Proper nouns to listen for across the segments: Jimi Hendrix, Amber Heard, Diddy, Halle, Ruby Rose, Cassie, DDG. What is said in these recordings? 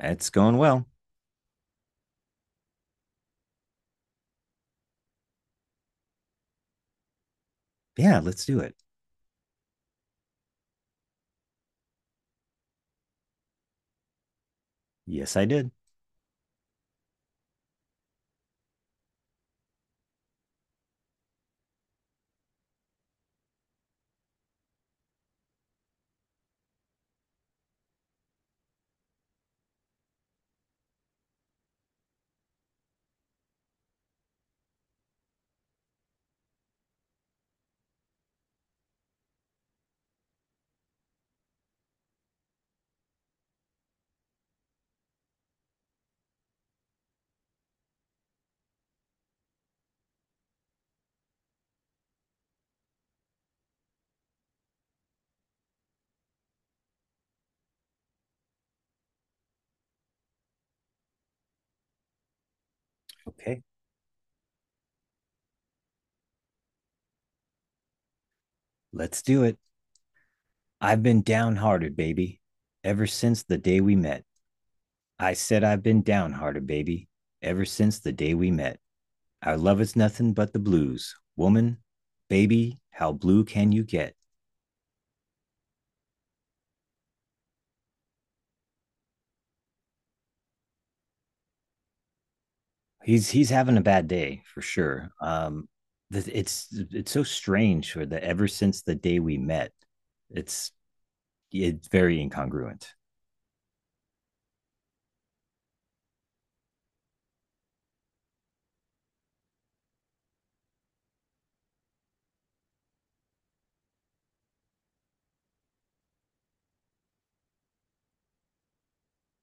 It's going well. Yeah, let's do it. Yes, I did. Okay. Let's do it. I've been downhearted, baby, ever since the day we met. I said I've been downhearted, baby, ever since the day we met. Our love is nothing but the blues. Woman, baby, how blue can you get? He's having a bad day for sure. It's so strange for the ever since the day we met. It's it's very incongruent.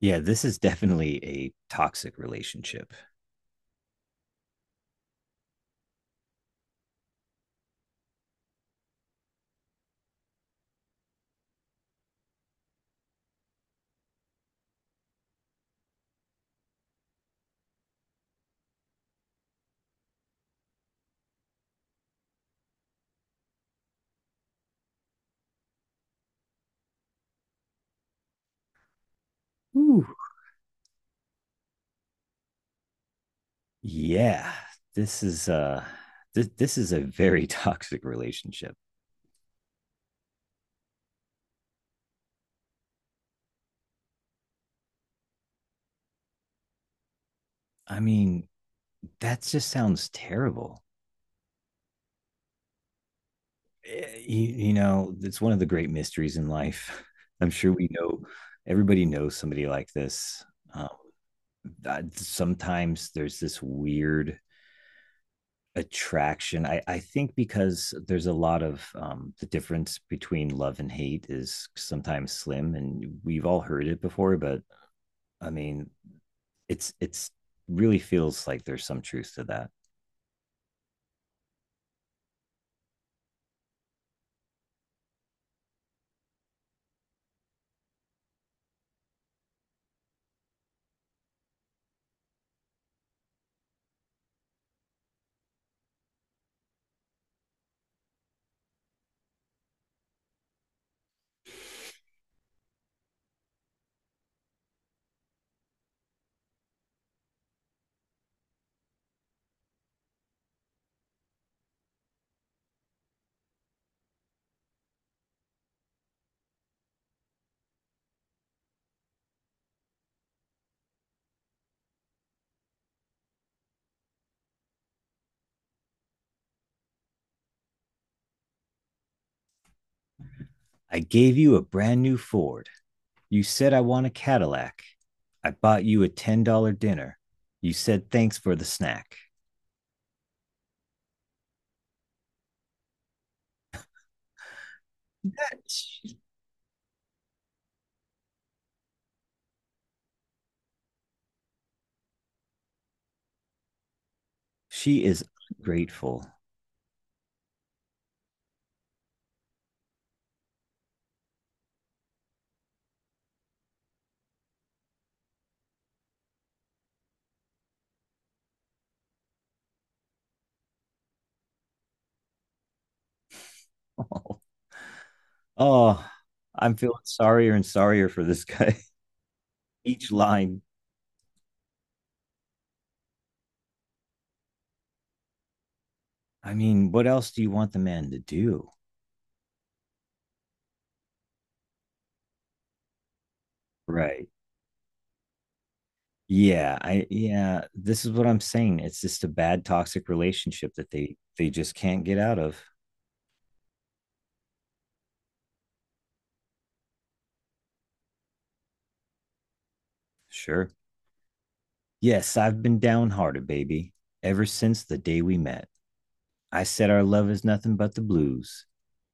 Yeah, this is definitely a toxic relationship. Ooh. Yeah, this is uh this is a very toxic relationship. I mean, that just sounds terrible. It's one of the great mysteries in life. I'm sure we know everybody knows somebody like this. Um, Sometimes there's this weird attraction. I think because there's a lot of the difference between love and hate is sometimes slim, and we've all heard it before. But I mean, it's really feels like there's some truth to that. I gave you a brand new Ford. You said I want a Cadillac. I bought you a $10 dinner. You said thanks for the snack. She is grateful. Oh, oh, I'm feeling sorrier and sorrier for this guy. Each line. I mean, what else do you want the man to do? Right. Yeah, this is what I'm saying. It's just a bad toxic relationship that they just can't get out of. Sure. Yes, I've been downhearted, baby, ever since the day we met. I said our love is nothing but the blues.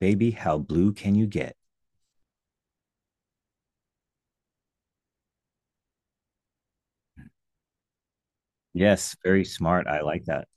Baby, how blue can you get? Yes, very smart. I like that.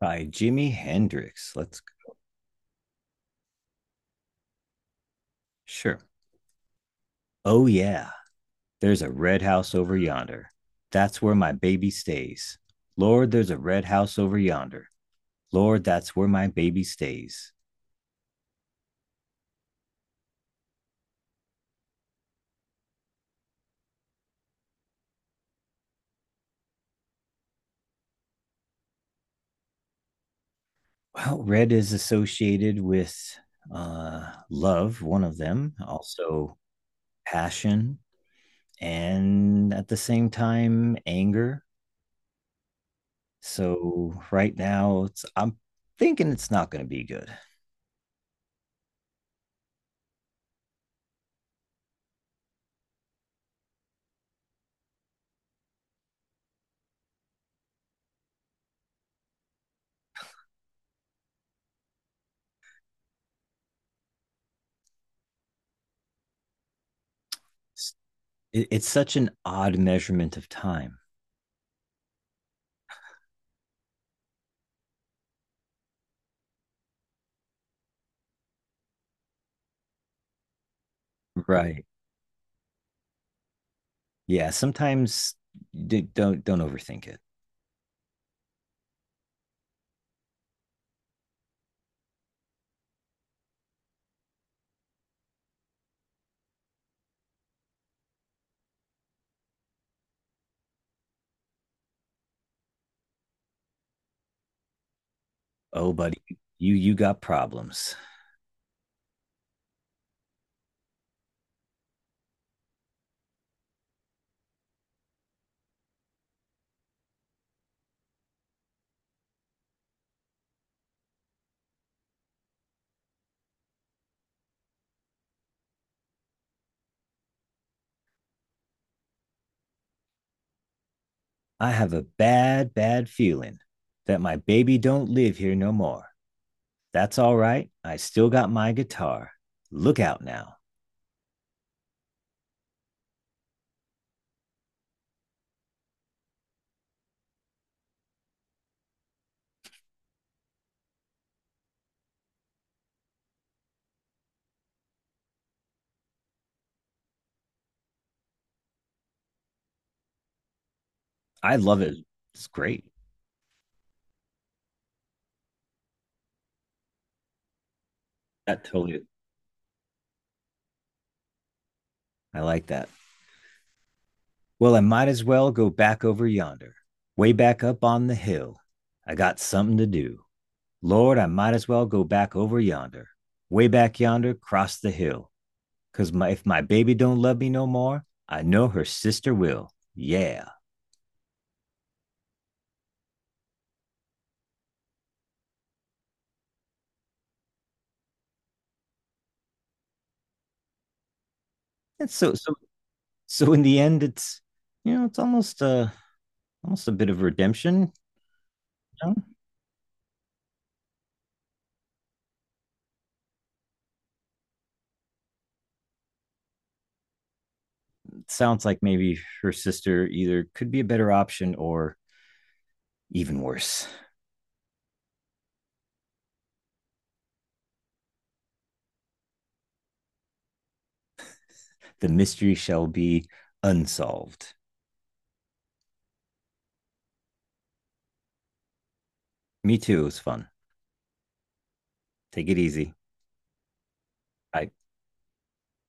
By Jimi Hendrix. Let's sure. Oh yeah. There's a red house over yonder. That's where my baby stays. Lord, there's a red house over yonder. Lord, that's where my baby stays. Well, red is associated with love, one of them, also passion, and at the same time anger. So right now, I'm thinking it's not going to be good. It's, it's such an odd measurement of time. Right. Yeah. Sometimes don't overthink it. Oh, buddy, you got problems. I have a bad bad feeling that my baby don't live here no more. That's all right. I still got my guitar. Look out now. I love it. It's great. That totally. I like that. Well, I might as well go back over yonder, way back up on the hill. I got something to do. Lord, I might as well go back over yonder, way back yonder, cross the hill. 'Cause if my baby don't love me no more, I know her sister will. Yeah. And so in the end, it's almost a, bit of redemption. You know? It sounds like maybe her sister either could be a better option or even worse. The mystery shall be unsolved. Me too. It was fun. Take it easy. Bye.